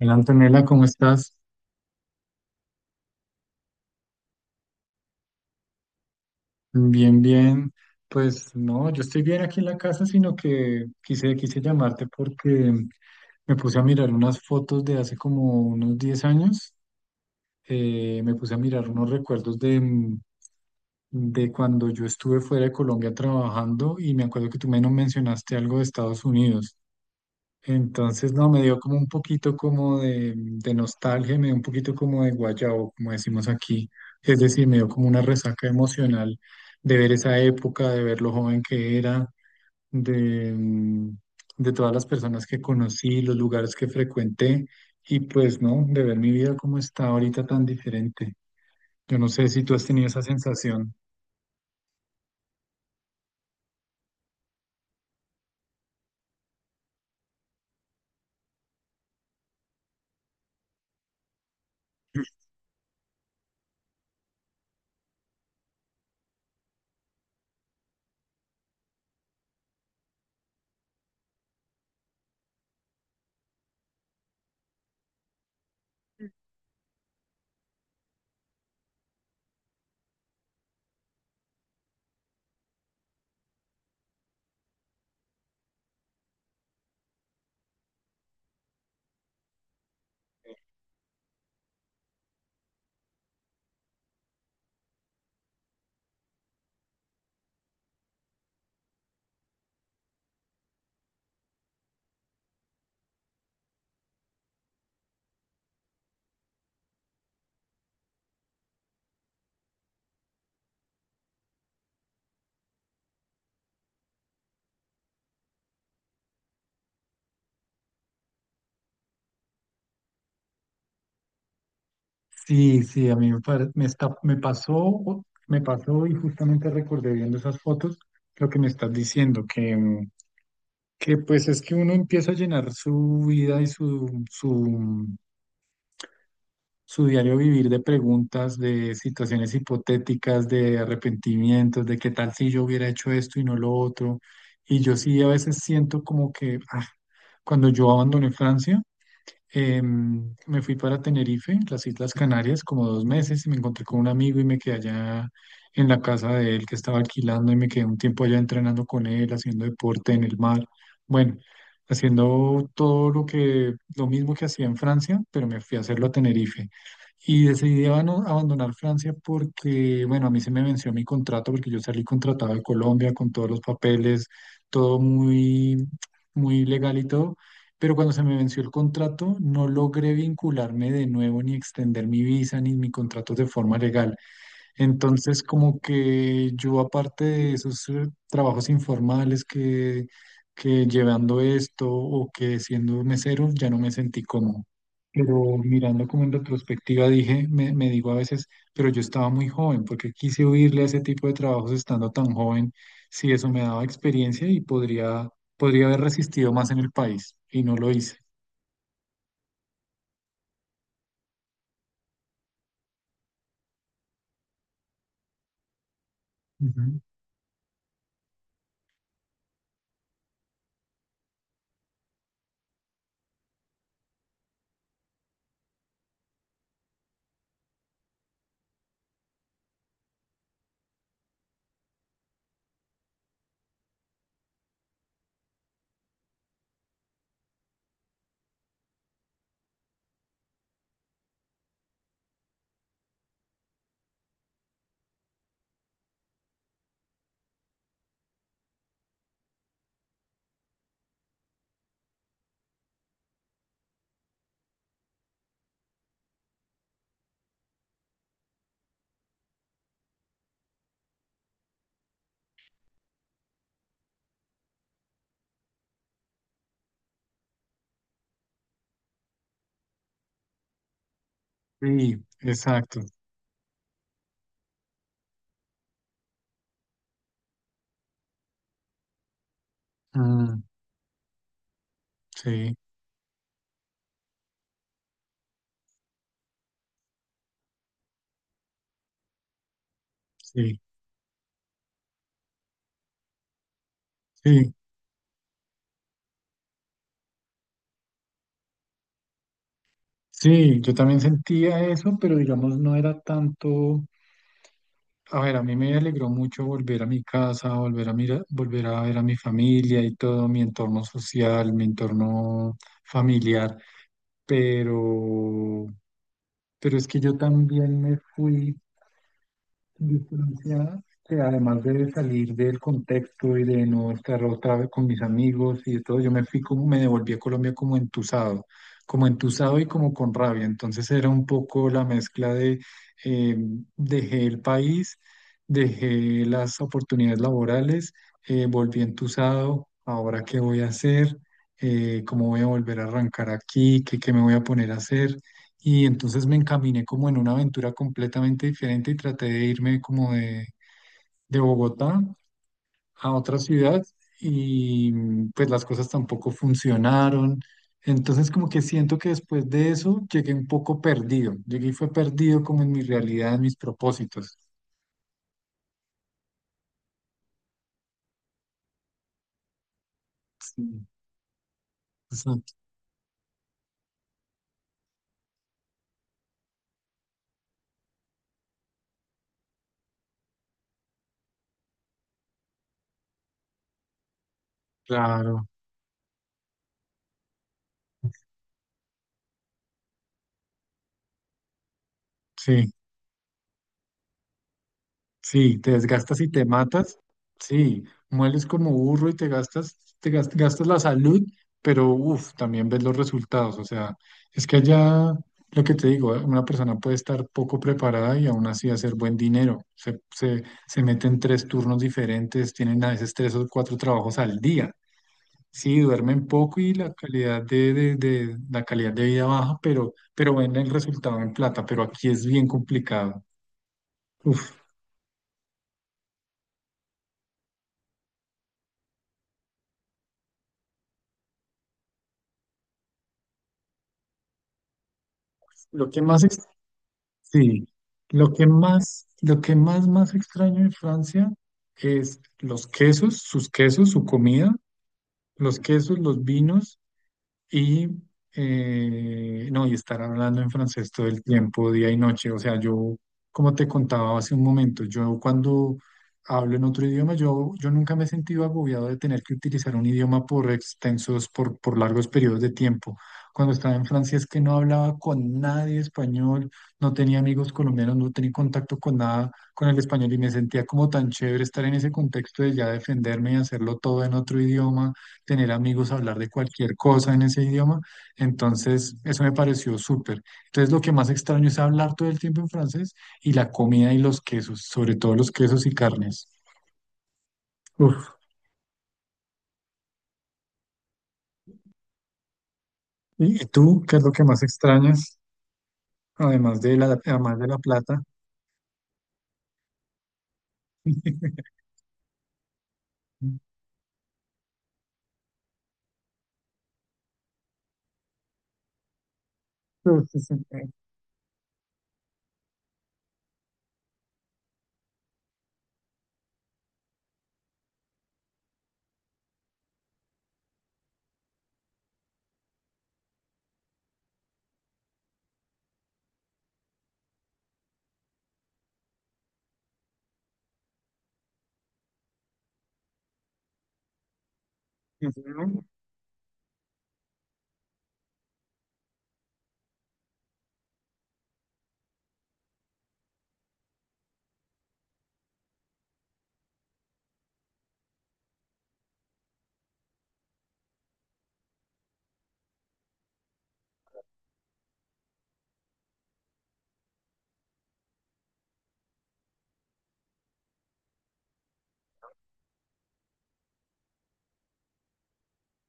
Hola Antonella, ¿cómo estás? Bien, bien. Pues no, yo estoy bien aquí en la casa, sino que quise llamarte porque me puse a mirar unas fotos de hace como unos 10 años. Me puse a mirar unos recuerdos de de cuando yo estuve fuera de Colombia trabajando y me acuerdo que tú menos mencionaste algo de Estados Unidos. Entonces, no, me dio como un poquito como de nostalgia, me dio un poquito como de guayabo, como decimos aquí. Es decir, me dio como una resaca emocional de ver esa época, de ver lo joven que era, de de todas las personas que conocí, los lugares que frecuenté y pues, no, de ver mi vida como está ahorita tan diferente. Yo no sé si tú has tenido esa sensación. Sí, sí, a mí me pasó y justamente recordé viendo esas fotos lo que me estás diciendo, que que pues es que uno empieza a llenar su vida y su su diario vivir de preguntas, de situaciones hipotéticas, de arrepentimientos, de qué tal si yo hubiera hecho esto y no lo otro. Y yo sí a veces siento como que ah, cuando yo abandoné Francia, me fui para Tenerife, las Islas Canarias, como 2 meses y me encontré con un amigo y me quedé allá en la casa de él que estaba alquilando y me quedé un tiempo allá entrenando con él, haciendo deporte en el mar. Bueno, haciendo todo lo que, lo mismo que hacía en Francia, pero me fui a hacerlo a Tenerife. Y decidí abandonar Francia porque, bueno, a mí se me venció mi contrato porque yo salí contratado de Colombia con todos los papeles, todo muy, muy legal y todo, pero cuando se me venció el contrato, no logré vincularme de nuevo ni extender mi visa ni mi contrato de forma legal. Entonces, como que yo, aparte de esos trabajos informales que llevando esto o que siendo mesero, ya no me sentí cómodo. Pero mirando como en retrospectiva, dije, me digo a veces, pero yo estaba muy joven, porque quise huirle a ese tipo de trabajos estando tan joven, si eso me daba experiencia y podría, podría haber resistido más en el país, y no lo hice. Ujú. Sí, exacto. Mm, sí, sí, sí. Sí, yo también sentía eso, pero digamos no era tanto, a ver, a mí me alegró mucho volver a mi casa, volver a volver a ver a mi familia y todo, mi entorno social, mi entorno familiar, pero pero es que yo también me fui. Distancia que además de salir del contexto y de no estar otra vez con mis amigos y de todo, yo me fui como, me devolví a Colombia como entusado y como con rabia. Entonces era un poco la mezcla de eh, dejé el país, dejé las oportunidades laborales, volví entusado, ahora qué voy a hacer. Cómo voy a volver a arrancar aquí, qué, qué me voy a poner a hacer, y entonces me encaminé como en una aventura completamente diferente y traté de irme como de Bogotá a otra ciudad y mm, pues las cosas tampoco funcionaron. Entonces como que siento que después de eso llegué un poco perdido, llegué y fue perdido como en mi realidad, en mis propósitos. Sí, exacto, claro, sí. Sí, te desgastas y te matas. Sí, mueles como burro y te gastas, gastas la salud, pero uff, también ves los resultados. O sea, es que allá, lo que te digo, una persona puede estar poco preparada y aún así hacer buen dinero. Se meten 3 turnos diferentes, tienen a veces 3 o 4 trabajos al día. Sí, duermen poco y la calidad la calidad de vida baja, pero ven el resultado en plata. Pero aquí es bien complicado. Uf, lo que más. Sí, lo que más, más extraño en Francia es los quesos, sus quesos, su comida, los quesos, los vinos. Y no, y estar hablando en francés todo el tiempo, día y noche. O sea, yo, como te contaba hace un momento, yo cuando hablo en otro idioma, yo nunca me he sentido agobiado de tener que utilizar un idioma por extensos, por largos periodos de tiempo. Cuando estaba en Francia es que no hablaba con nadie español, no tenía amigos colombianos, no tenía contacto con nada con el español y me sentía como tan chévere estar en ese contexto de ya defenderme y hacerlo todo en otro idioma, tener amigos, hablar de cualquier cosa en ese idioma. Entonces, eso me pareció súper. Entonces, lo que más extraño es hablar todo el tiempo en francés y la comida y los quesos, sobre todo los quesos y carnes. Uf. Y tú qué es lo que más extrañas, además de la plata? Uf, sí, sí, sí, sí, ¿no?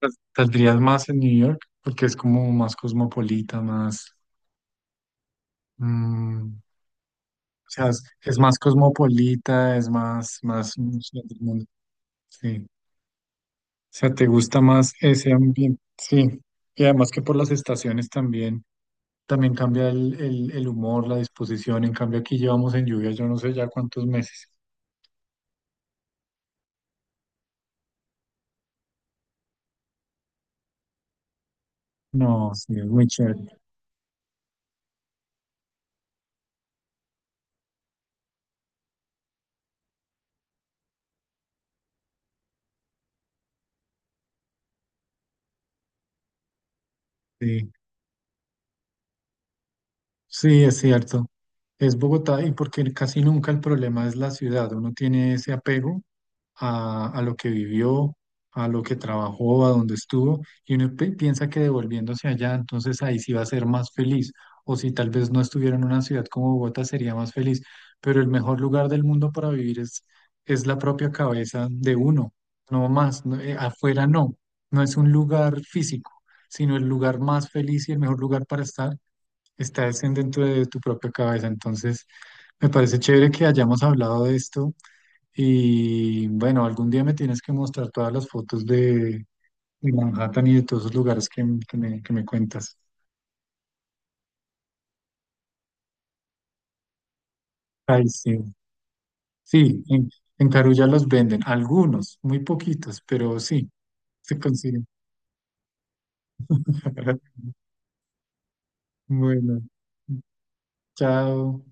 Pues, saldrías más en New York porque es como más cosmopolita, más... mm, o sea, es más cosmopolita, es más, más, mm, sí, del mundo. Sí. O sea, te gusta más ese ambiente, sí. Y además que por las estaciones también, también cambia el humor, la disposición. En cambio, aquí llevamos en lluvia, yo no sé ya cuántos meses. No, sí, es muy chévere. Sí, sí, es cierto. Es Bogotá y porque casi nunca el problema es la ciudad. Uno tiene ese apego a lo que vivió, a lo que trabajó, a donde estuvo, y uno piensa que devolviéndose allá, entonces ahí sí va a ser más feliz, o si tal vez no estuviera en una ciudad como Bogotá, sería más feliz, pero el mejor lugar del mundo para vivir es la propia cabeza de uno, no más, no- afuera no, no es un lugar físico, sino el lugar más feliz y el mejor lugar para estar. Está es en dentro de tu propia cabeza. Entonces, me parece chévere que hayamos hablado de esto y bueno, algún día me tienes que mostrar todas las fotos de Manhattan y de todos esos lugares que me cuentas. Ay, sí. Sí, en Carulla los venden, algunos, muy poquitos, pero sí, se consiguen. Bueno, chao.